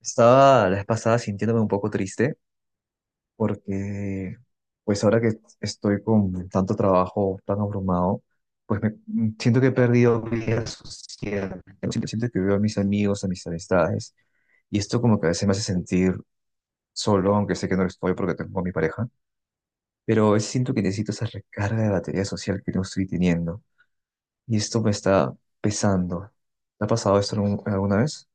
Estaba la vez pasada sintiéndome un poco triste porque, pues ahora que estoy con tanto trabajo, tan abrumado, pues siento que he perdido vida social. Siento que veo a mis amigos, a mis amistades, y esto como que a veces me hace sentir solo, aunque sé que no lo estoy porque tengo a mi pareja, pero a veces siento que necesito esa recarga de batería social que no estoy teniendo, y esto me está pesando. ¿Te ha pasado esto alguna vez?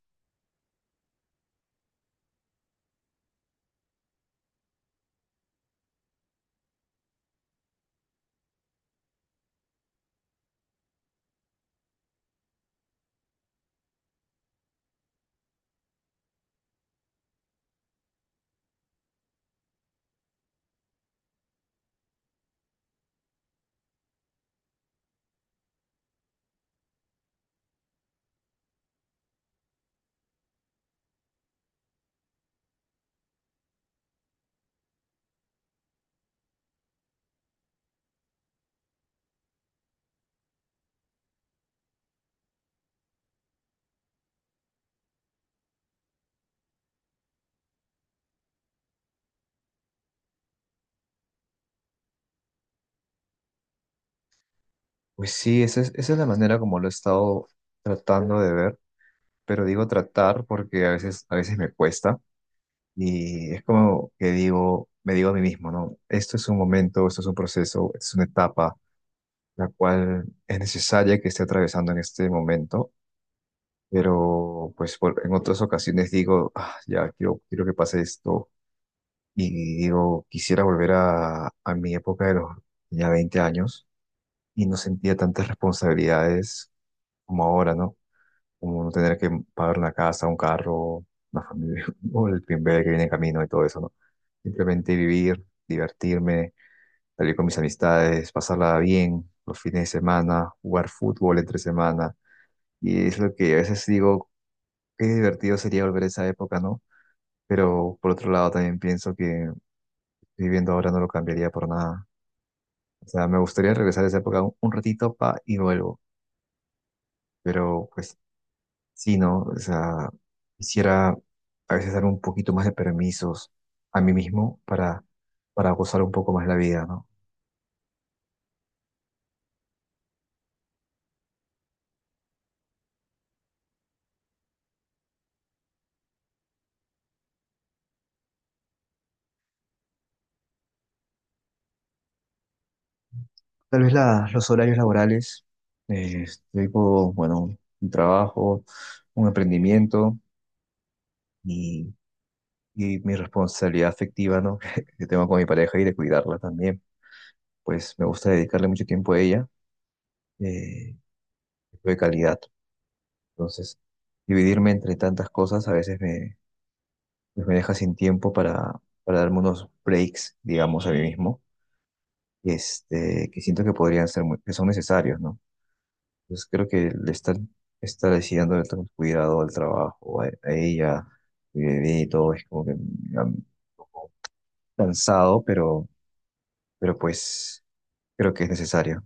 Pues sí, esa es la manera como lo he estado tratando de ver, pero digo tratar porque a veces me cuesta y es como que digo, me digo a mí mismo, ¿no? Esto es un momento, esto es un proceso, esto es una etapa, la cual es necesaria que esté atravesando en este momento, pero en otras ocasiones digo: "Ah, ya quiero que pase esto y digo, quisiera volver a mi época de los ya 20 años y no sentía tantas responsabilidades como ahora, ¿no? Como no tener que pagar una casa, un carro, una familia, o el primer que viene en camino y todo eso, ¿no? Simplemente vivir, divertirme, salir con mis amistades, pasarla bien los fines de semana, jugar fútbol entre semana". Y es lo que a veces digo, qué divertido sería volver a esa época, ¿no? Pero por otro lado también pienso que viviendo ahora no lo cambiaría por nada. O sea, me gustaría regresar a esa época un ratito pa, y vuelvo. Pero pues sí, ¿no? O sea, quisiera a veces dar un poquito más de permisos a mí mismo para gozar un poco más la vida, ¿no? Tal vez los horarios laborales, eh, tengo, bueno, un trabajo, un emprendimiento y, y mi responsabilidad afectiva, ¿no? Que tengo con mi pareja y de cuidarla también. Pues me gusta dedicarle mucho tiempo a ella, eh, tiempo de calidad. Entonces, dividirme entre tantas cosas pues me deja sin tiempo para darme unos breaks, digamos, a mí mismo, este, que siento que podrían ser que son necesarios, ¿no? Entonces creo que estar así dándole tanto cuidado al trabajo, a ella, mi bebé y todo, es como que cansado, pero pues creo que es necesario.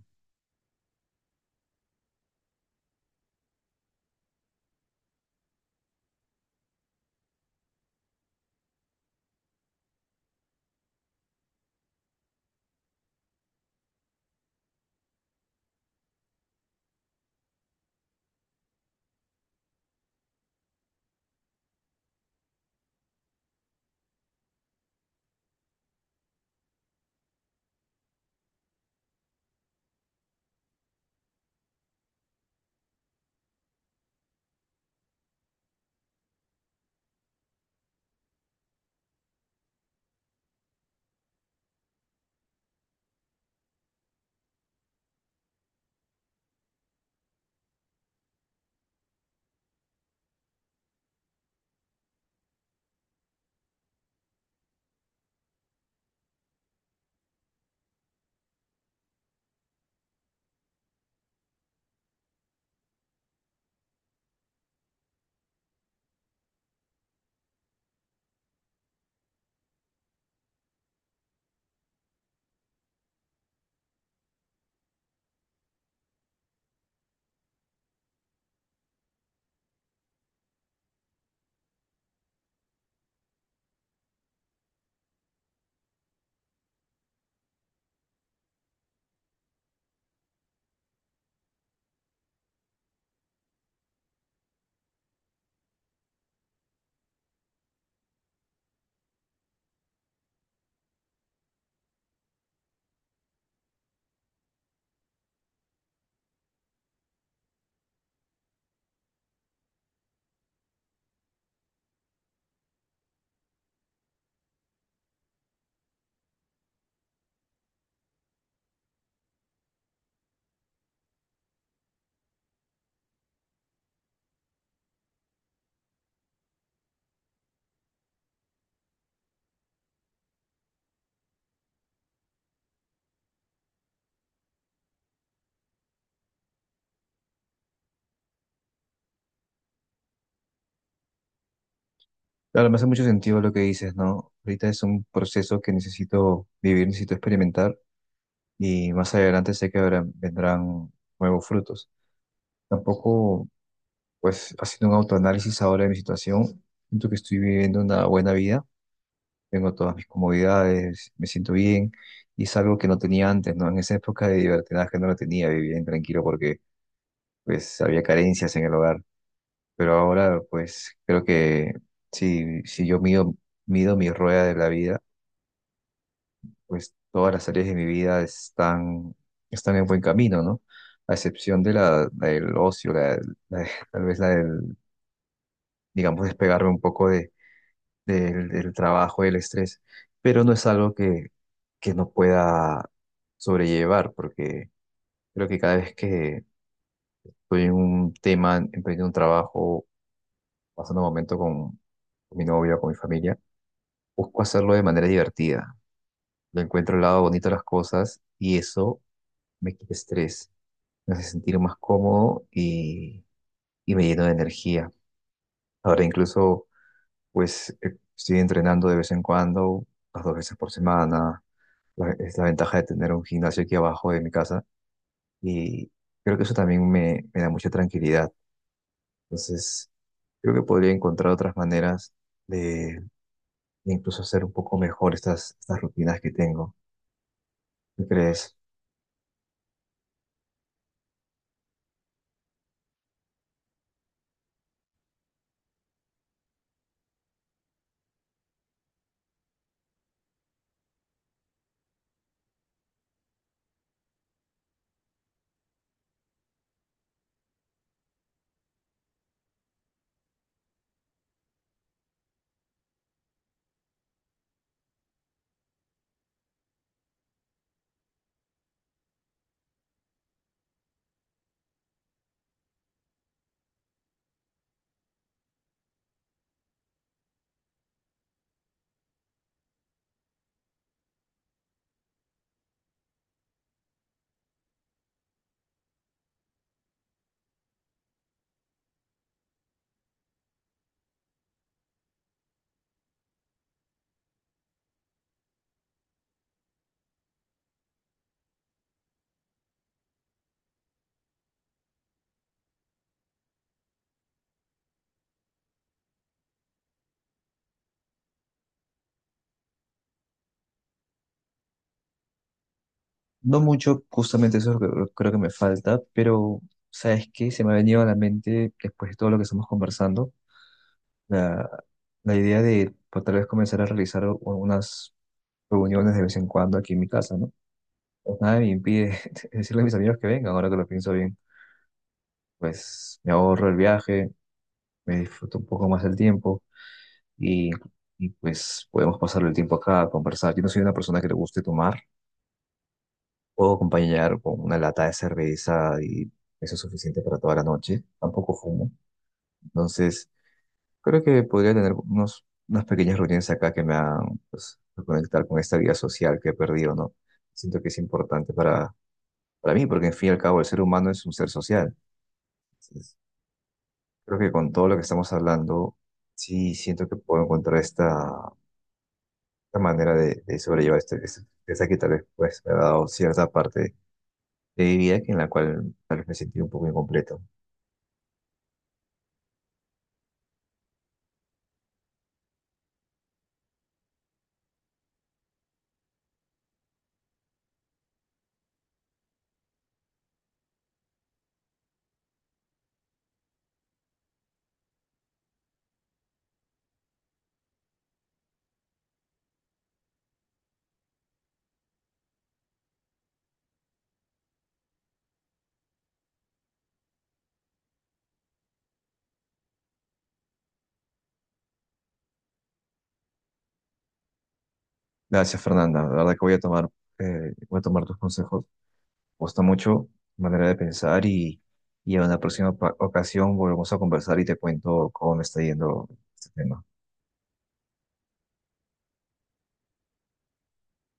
Claro, me hace mucho sentido lo que dices, ¿no? Ahorita es un proceso que necesito vivir, necesito experimentar y más adelante sé que vendrán nuevos frutos. Tampoco. Pues haciendo un autoanálisis ahora de mi situación, siento que estoy viviendo una buena vida, tengo todas mis comodidades, me siento bien y es algo que no tenía antes, ¿no? En esa época de libertinaje no lo tenía, vivía bien tranquilo porque pues había carencias en el hogar, pero ahora pues creo que si yo mido mi rueda de la vida, pues todas las áreas de mi vida están en buen camino, ¿no? A excepción de la del ocio, la- tal vez digamos, despegarme un poco de del trabajo, del estrés, pero no es algo que no pueda sobrellevar, porque creo que cada vez que estoy en un tema, emprendiendo un trabajo, pasando un momento con mi novio, con mi familia, busco hacerlo de manera divertida. Le encuentro el lado bonito a las cosas y eso me quita estrés, me hace sentir más cómodo y me lleno de energía. Ahora incluso, pues, estoy entrenando de vez en cuando, las dos veces por semana es la ventaja de tener un gimnasio aquí abajo de mi casa y creo que eso también me da mucha tranquilidad. Entonces, creo que podría encontrar otras maneras de, de incluso hacer un poco mejor estas rutinas que tengo. ¿Qué crees? No mucho, justamente eso es lo que creo que me falta, pero ¿sabes qué? Se me ha venido a la mente después de todo lo que estamos conversando, la, la idea de pues, tal vez comenzar a realizar unas reuniones de vez en cuando aquí en mi casa, ¿no? Pues nada me impide decirle a mis amigos que vengan, ahora que lo pienso bien. Pues me ahorro el viaje, me disfruto un poco más el tiempo y, y pues podemos pasar el tiempo acá a conversar. Yo no soy una persona que le guste tomar, puedo acompañar con una lata de cerveza y eso es suficiente para toda la noche. Tampoco fumo, entonces creo que podría tener unas pequeñas reuniones acá que me hagan pues, reconectar con esta vida social que he perdido, ¿no? Siento que es importante para mí, porque en fin y al cabo el ser humano es un ser social. Creo que con todo lo que estamos hablando, sí siento que puedo encontrar esta manera de sobrellevar esta que tal vez pues, me ha dado cierta parte de mi vida que en la cual tal vez me sentí un poco incompleto. Gracias, Fernanda. La verdad que voy a tomar tus consejos. Me gusta mucho tu manera de pensar y en una ocasión volvemos a conversar y te cuento cómo me está yendo este tema.